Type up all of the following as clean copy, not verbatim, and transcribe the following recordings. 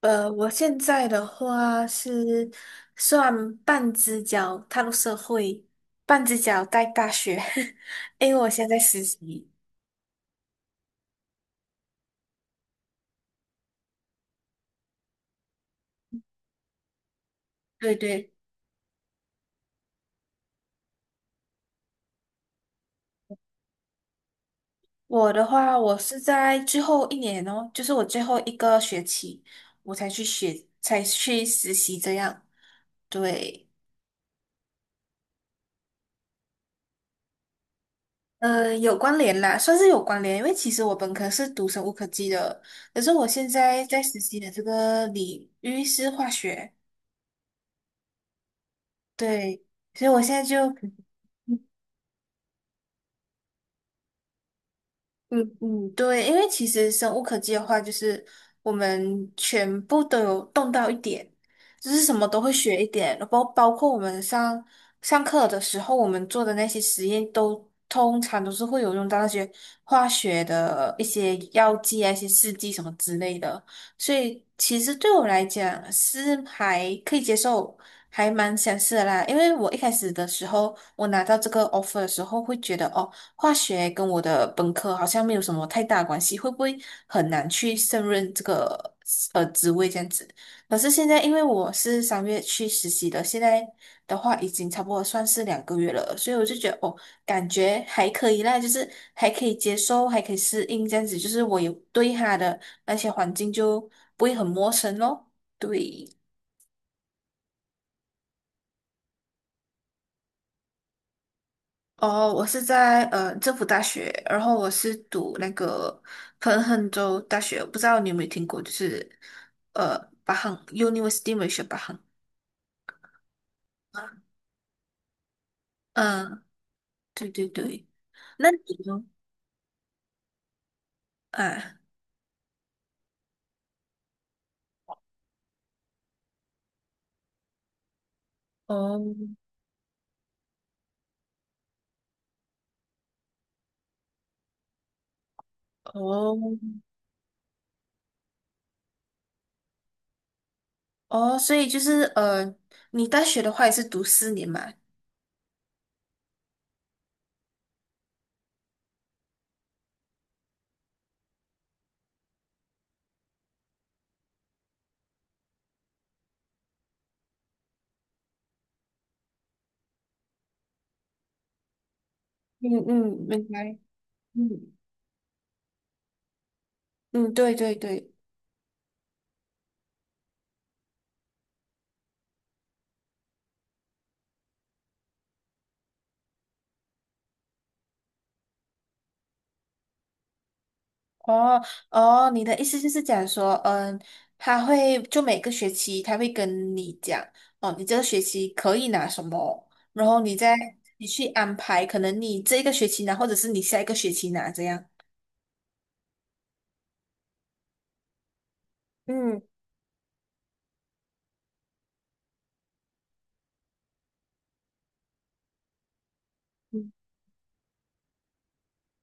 我现在的话是算半只脚踏入社会，半只脚在大学，因为我现在实习。对对，我的话，我是在最后一年哦，就是我最后一个学期，我才去学，才去实习这样。对，有关联啦，算是有关联，因为其实我本科是读生物科技的，可是我现在在实习的这个领域是化学，对，所以我现在就。嗯嗯，对，因为其实生物科技的话，就是我们全部都有动到一点，就是什么都会学一点，然后包括我们上课的时候，我们做的那些实验都通常都是会有用到那些化学的一些药剂啊、一些试剂什么之类的，所以其实对我来讲是还可以接受，还蛮相似的啦。因为我一开始的时候，我拿到这个 offer 的时候，会觉得哦。化学跟我的本科好像没有什么太大关系，会不会很难去胜任这个职位这样子？可是现在因为我是3月去实习的，现在的话已经差不多算是2个月了，所以我就觉得哦，感觉还可以啦，就是还可以接受，还可以适应这样子，就是我有对他的那些环境就不会很陌生咯。对，哦，我是在政府大学，然后我是读那个彭亨州大学，不知道你有没有听过，就是呃巴亨 University m a l a y s, 嗯，对对对，那你呢？啊，哦哦哦，所以就是你大学的话也是读四年嘛？嗯嗯，明白。嗯嗯，对对对。哦哦，你的意思就是讲说，嗯，他会就每个学期他会跟你讲，哦，你这个学期可以拿什么，然后你去安排，可能你这一个学期拿，或者是你下一个学期拿这样。嗯，嗯，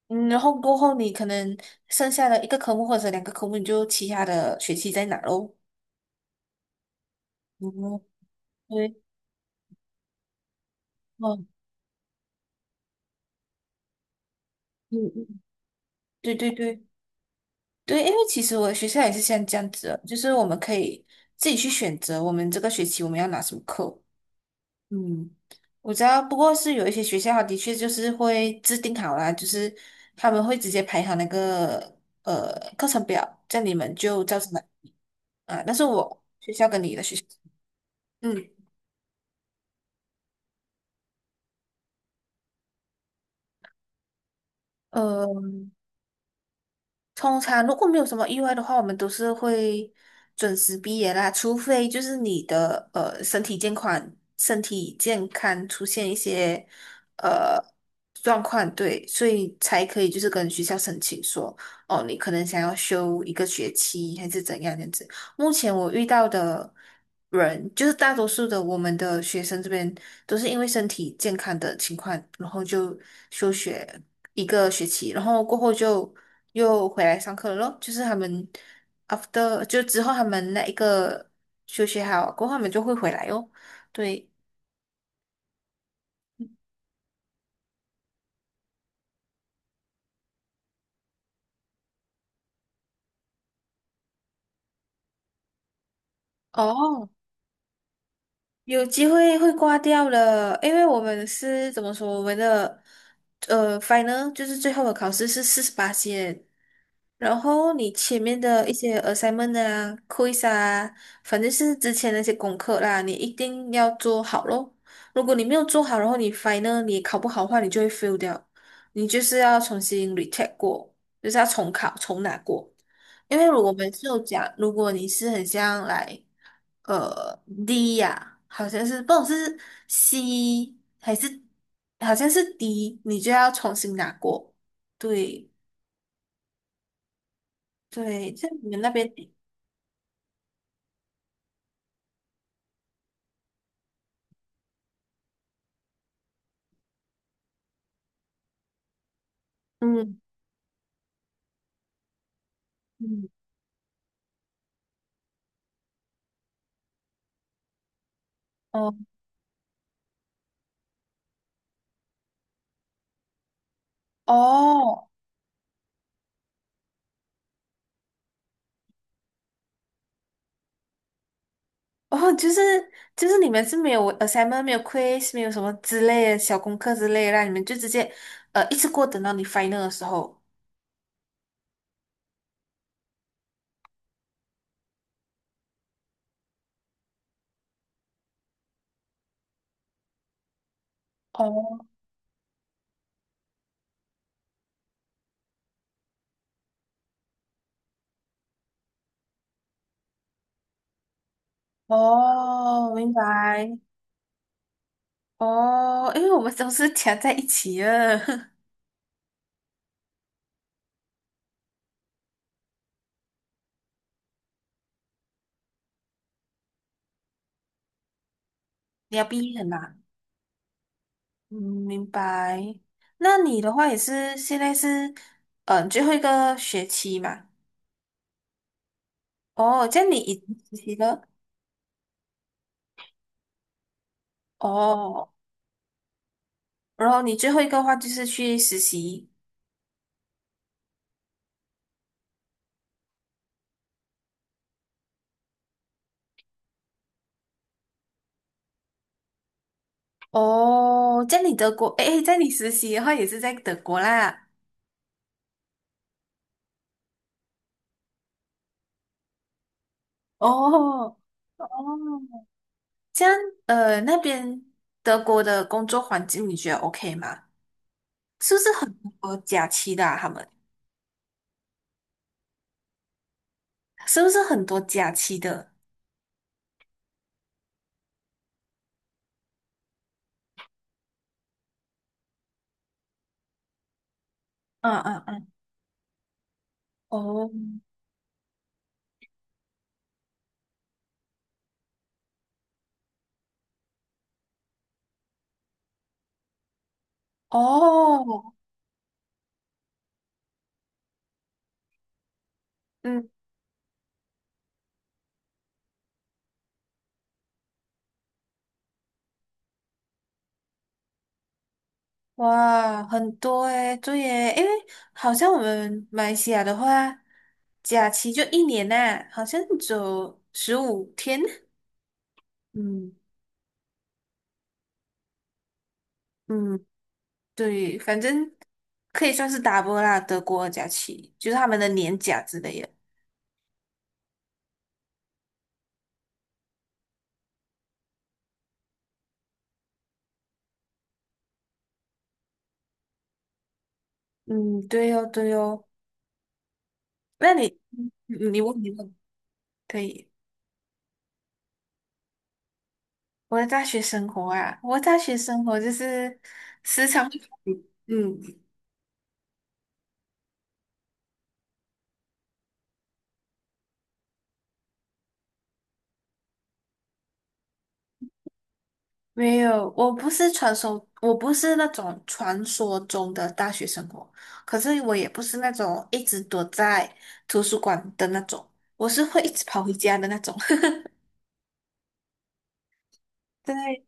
嗯然后过后你可能剩下的一个科目或者两个科目，你就其他的学期再拿喽。哦，对，哦，嗯嗯，对对对对，因为其实我的学校也是像这样子的就是我们可以自己去选择我们这个学期我们要拿什么课。嗯，我知道，不过是有一些学校，的确就是会制定好啦，就是他们会直接排好那个课程表，这样你们就照着来啊。但是我学校跟你的学校，嗯。呃。通常如果没有什么意外的话，我们都是会准时毕业啦，除非就是你的身体健康、身体健康出现一些呃状况，对，所以才可以就是跟学校申请说，哦，你可能想要休一个学期还是怎样这样子。目前我遇到的人，就是大多数的我们的学生这边都是因为身体健康的情况，然后就休学一个学期，然后过后就又回来上课了咯。就是他们 after 就之后他们那一个休学好过后，他们就会回来哦。对，哦，有机会会挂掉了，因为我们是怎么说，我们的final 就是最后的考试是48线，然后你前面的一些 assignment 啊、quiz 啊，反正是之前那些功课啦，你一定要做好咯。如果你没有做好，然后你 final 你考不好的话，你就会 fail 掉，你就是要重新 retake 过，就是要重考重拿过。因为我们就讲，如果你是很像来，D 呀、好像是，不懂是 C 还是好像是 D，你就要重新拿过。对对，在你们那边，嗯嗯，哦哦哦，就是你们是没有 assignment、没有 quiz、没有什么之类的小功课之类的啦，你们就直接一次过等到你 final 的时候。哦哦，明白。哦，因为我们都是夹在一起了，你要毕业了嘛？嗯，明白。那你的话也是现在是，嗯，最后一个学期嘛？哦，这样你已经实习了哦，然后你最后一个话就是去实习哦，在你德国，诶，在你实习的话也是在德国啦。哦 哦，这样那边德国的工作环境你觉得 OK 吗？是不是很多假期的啊他们？是不是很多假期的？嗯嗯嗯，哦哦，嗯，哇，很多诶，对耶，因为好像我们马来西亚的话，假期就一年呐、好像只有15天。嗯嗯，对，反正可以算是 double 啦，德国的假期就是他们的年假之类的。嗯，对哦，对哦。那你，嗯你问你问，可以。我的大学生活啊，我的大学生活就是时常会嗯，没有，我不是传说，我不是那种传说中的大学生活，可是我也不是那种一直躲在图书馆的那种，我是会一直跑回家的那种。对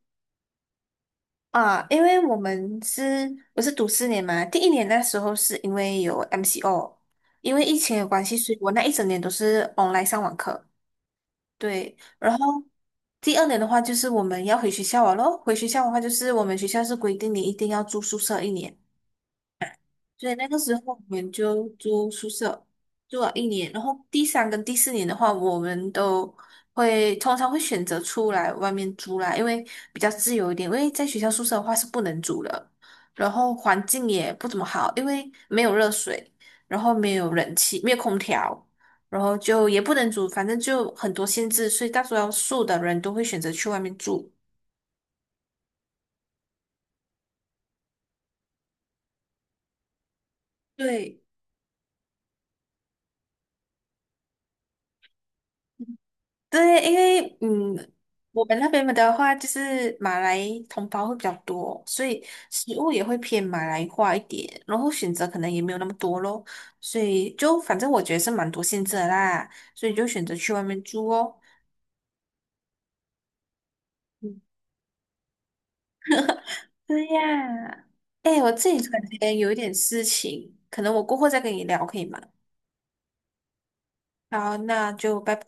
啊，因为我们是我是读四年嘛，第1年那时候是因为有 MCO，因为疫情的关系，所以我那1整年都是 online 上网课。对，然后第2年的话，就是我们要回学校了咯。回学校的话，就是我们学校是规定你一定要住宿舍一年，所以那个时候我们就住宿舍，住了一年。然后第3跟第4年的话，我们都会通常会选择出来外面租啦，因为比较自由一点。因为在学校宿舍的话是不能租的，然后环境也不怎么好，因为没有热水，然后没有冷气，没有空调，然后就也不能煮，反正就很多限制，所以大多数的人都会选择去外面住。对。对，因为嗯，我们那边的话就是马来同胞会比较多，所以食物也会偏马来化一点，然后选择可能也没有那么多咯，所以就反正我觉得是蛮多限制的啦，所以就选择去外面住哦。嗯，对呀，哎，我自己感觉有一点事情，可能我过后再跟你聊，可以吗？好，那就拜拜。